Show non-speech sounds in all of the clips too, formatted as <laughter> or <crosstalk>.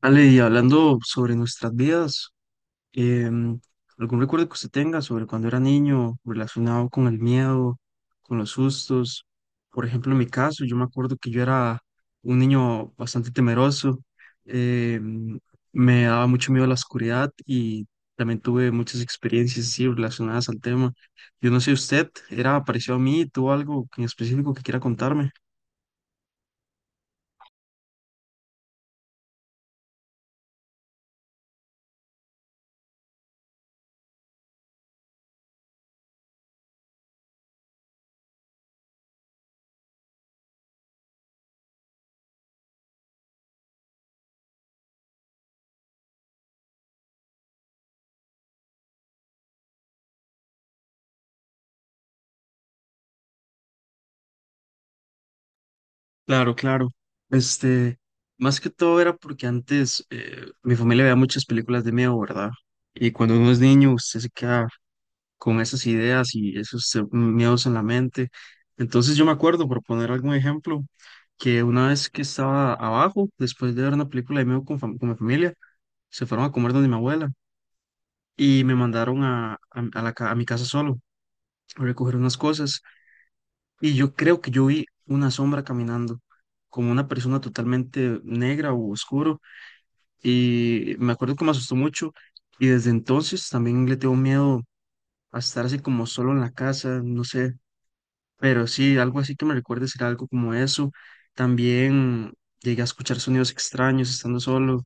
Ale, y hablando sobre nuestras vidas, em, ¿algún recuerdo que usted tenga sobre cuando era niño relacionado con el miedo, con los sustos? Por ejemplo, en mi caso, yo me acuerdo que yo era un niño bastante temeroso, em, me daba mucho miedo la oscuridad y también tuve muchas experiencias así relacionadas al tema. Yo no sé, ¿usted era parecido a mí? ¿Tuvo algo en específico que quiera contarme? Claro, claro. Este, más que todo era porque antes mi familia veía muchas películas de miedo, ¿verdad? Y cuando uno es niño, usted se queda con esas ideas y esos miedos en la mente. Entonces yo me acuerdo, por poner algún ejemplo, que una vez que estaba abajo, después de ver una película de miedo con, con mi familia, se fueron a comer donde mi abuela y me mandaron a la, a mi casa solo a recoger unas cosas. Y yo creo que yo vi una sombra caminando, como una persona totalmente negra o oscuro, y me acuerdo que me asustó mucho, y desde entonces también le tengo miedo a estar así como solo en la casa, no sé, pero sí, algo así que me recuerde ser algo como eso. También llegué a escuchar sonidos extraños estando solo,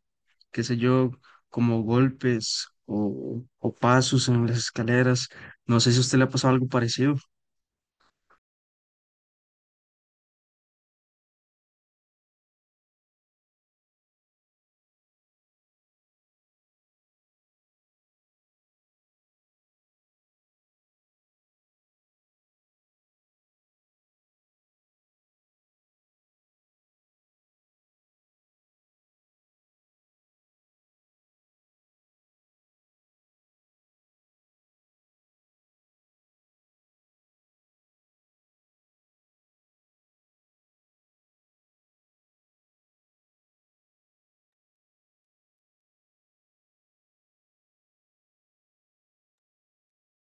qué sé yo, como golpes o pasos en las escaleras. No sé si a usted le ha pasado algo parecido.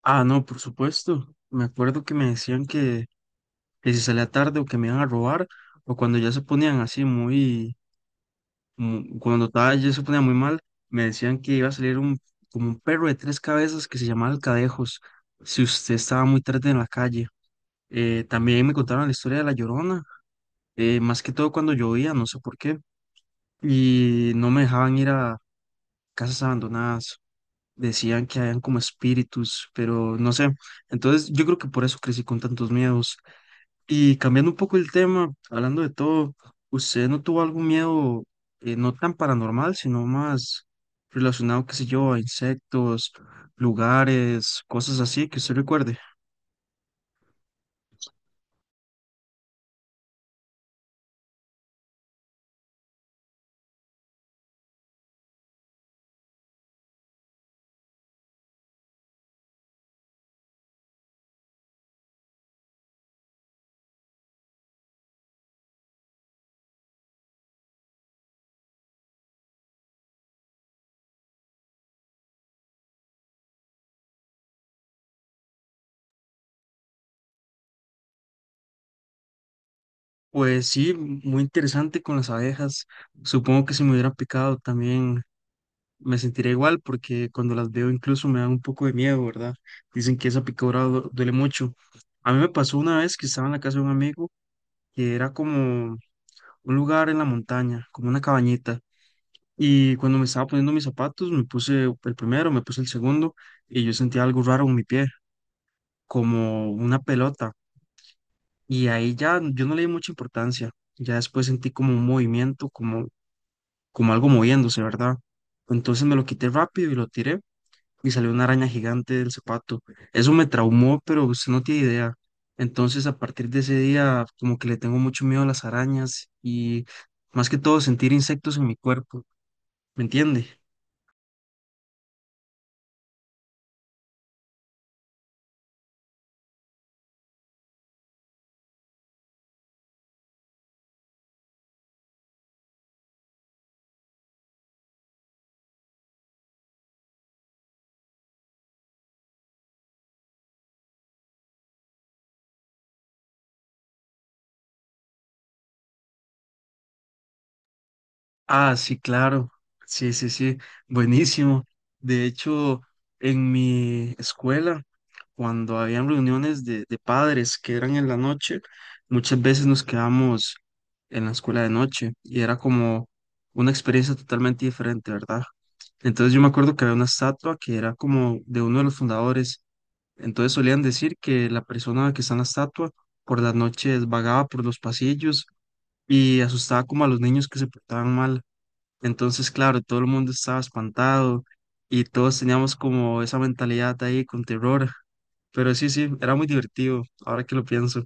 Ah, no, por supuesto. Me acuerdo que me decían que si salía tarde o que me iban a robar, o cuando ya se ponían así muy, cuando estaba, ya se ponía muy mal, me decían que iba a salir un, como un perro de tres cabezas que se llamaba Alcadejos, si usted estaba muy tarde en la calle. También me contaron la historia de La Llorona, más que todo cuando llovía, no sé por qué, y no me dejaban ir a casas abandonadas. Decían que habían como espíritus, pero no sé. Entonces yo creo que por eso crecí con tantos miedos. Y cambiando un poco el tema, hablando de todo, ¿usted no tuvo algún miedo no tan paranormal, sino más relacionado, qué sé yo, a insectos, lugares, cosas así que usted recuerde? Pues sí, muy interesante con las abejas. Supongo que si me hubieran picado también me sentiría igual porque cuando las veo incluso me dan un poco de miedo, ¿verdad? Dicen que esa picadura duele mucho. A mí me pasó una vez que estaba en la casa de un amigo que era como un lugar en la montaña, como una cabañita. Y cuando me estaba poniendo mis zapatos, me puse el primero, me puse el segundo y yo sentía algo raro en mi pie, como una pelota. Y ahí ya yo no le di mucha importancia. Ya después sentí como un movimiento, como, como algo moviéndose, ¿verdad? Entonces me lo quité rápido y lo tiré y salió una araña gigante del zapato. Eso me traumó, pero usted no tiene idea. Entonces a partir de ese día como que le tengo mucho miedo a las arañas y más que todo sentir insectos en mi cuerpo, ¿me entiende? Ah, sí, claro. Sí, sí, sí. Buenísimo. De hecho, en mi escuela, cuando habían reuniones de padres que eran en la noche, muchas veces nos quedamos en la escuela de noche y era como una experiencia totalmente diferente, ¿verdad? Entonces yo me acuerdo que había una estatua que era como de uno de los fundadores. Entonces solían decir que la persona que está en la estatua por las noches vagaba por los pasillos y asustaba como a los niños que se portaban mal. Entonces, claro, todo el mundo estaba espantado y todos teníamos como esa mentalidad ahí con terror. Pero sí, sí, era muy divertido, ahora que lo pienso.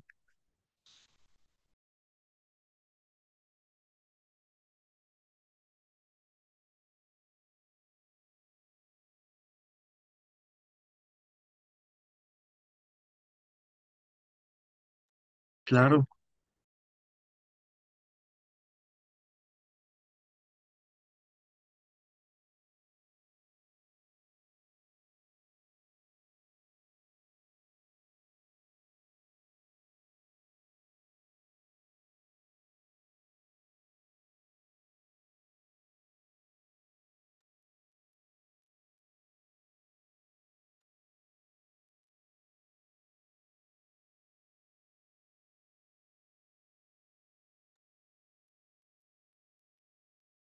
Claro,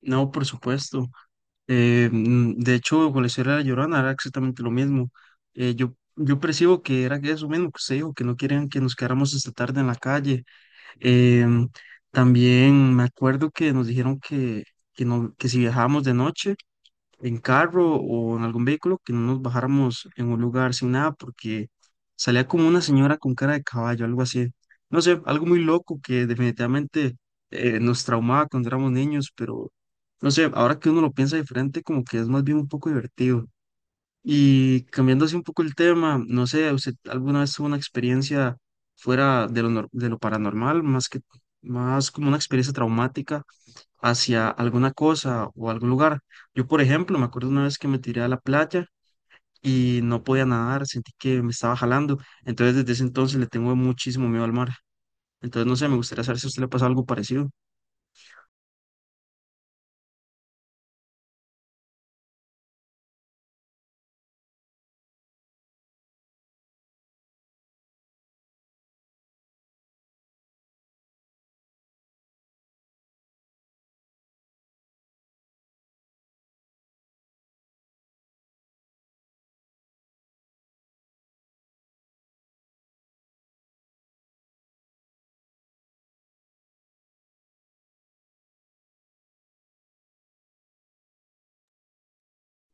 no, por supuesto. De hecho, con la historia de la Llorona era exactamente lo mismo. Yo percibo que era que eso mismo que usted dijo, que no querían que nos quedáramos esta tarde en la calle. Em, también me acuerdo que nos dijeron no, que si viajábamos de noche, en carro o en algún vehículo que no nos bajáramos en un lugar sin nada porque salía como una señora con cara de caballo, algo así. No sé, algo muy loco que definitivamente nos traumaba cuando éramos niños, pero no sé, ahora que uno lo piensa diferente, como que es más bien un poco divertido. Y cambiando así un poco el tema, no sé, ¿usted alguna vez tuvo una experiencia fuera de lo, de lo paranormal, más como una experiencia traumática? Hacia alguna cosa o algún lugar. Yo, por ejemplo, me acuerdo una vez que me tiré a la playa y no podía nadar, sentí que me estaba jalando. Entonces, desde ese entonces le tengo muchísimo miedo al mar. Entonces, no sé, me gustaría saber si a usted le pasó algo parecido.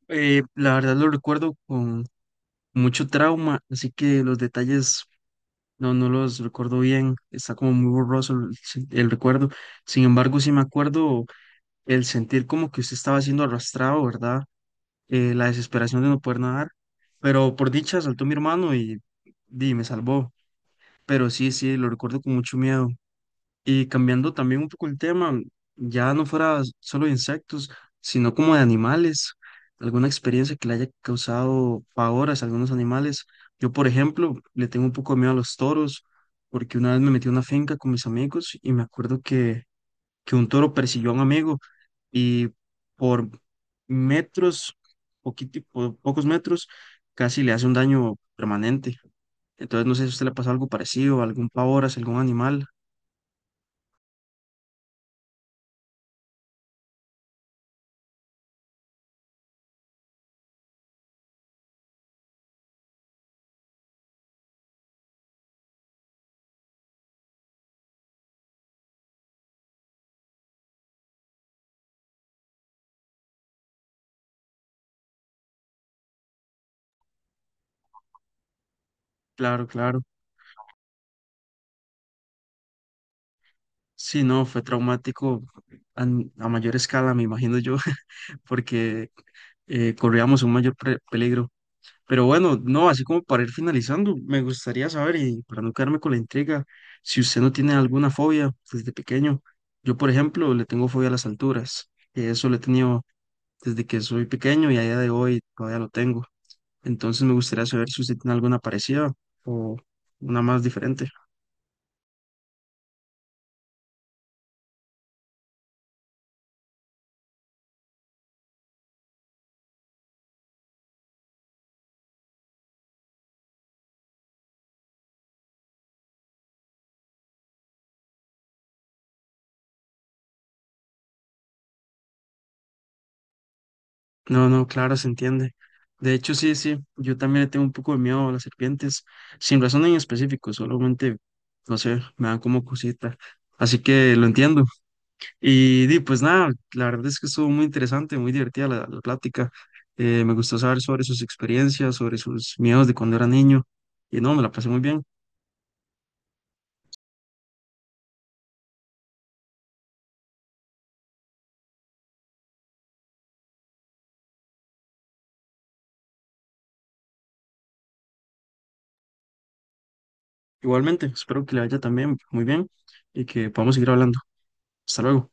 La verdad lo recuerdo con mucho trauma, así que los detalles no los recuerdo bien, está como muy borroso el, el recuerdo. Sin embargo, sí me acuerdo el sentir como que usted estaba siendo arrastrado, ¿verdad? La desesperación de no poder nadar, pero por dicha saltó mi hermano y, di, me salvó. Pero sí, sí, lo recuerdo con mucho miedo. Y cambiando también un poco el tema, ya no fuera solo de insectos, sino como de animales, alguna experiencia que le haya causado pavor a algunos animales. Yo, por ejemplo, le tengo un poco de miedo a los toros, porque una vez me metí a una finca con mis amigos y me acuerdo que un toro persiguió a un amigo y por metros, pocos metros, casi le hace un daño permanente. Entonces, no sé si a usted le pasó algo parecido, algún pavor hacia algún animal. Claro, claro. Sí, no, fue traumático mayor escala, me imagino yo, <laughs> porque corríamos un mayor peligro. Pero bueno, no, así como para ir finalizando, me gustaría saber, y para no quedarme con la intriga, si usted no tiene alguna fobia desde pequeño. Yo, por ejemplo, le tengo fobia a las alturas, que eso lo he tenido desde que soy pequeño y a día de hoy todavía lo tengo. Entonces me gustaría saber si usted tiene alguna parecida o una más diferente. No, no, claro, se entiende. De hecho, sí, sí, yo también le tengo un poco de miedo a las serpientes, sin razón en específico, solamente, no sé, me dan como cosita. Así que lo entiendo. Y, di, pues nada, la verdad es que estuvo muy interesante, muy divertida la, la plática. Me gustó saber sobre sus experiencias, sobre sus miedos de cuando era niño. Y no, me la pasé muy bien. Igualmente, espero que le vaya también muy bien y que podamos seguir hablando. Hasta luego.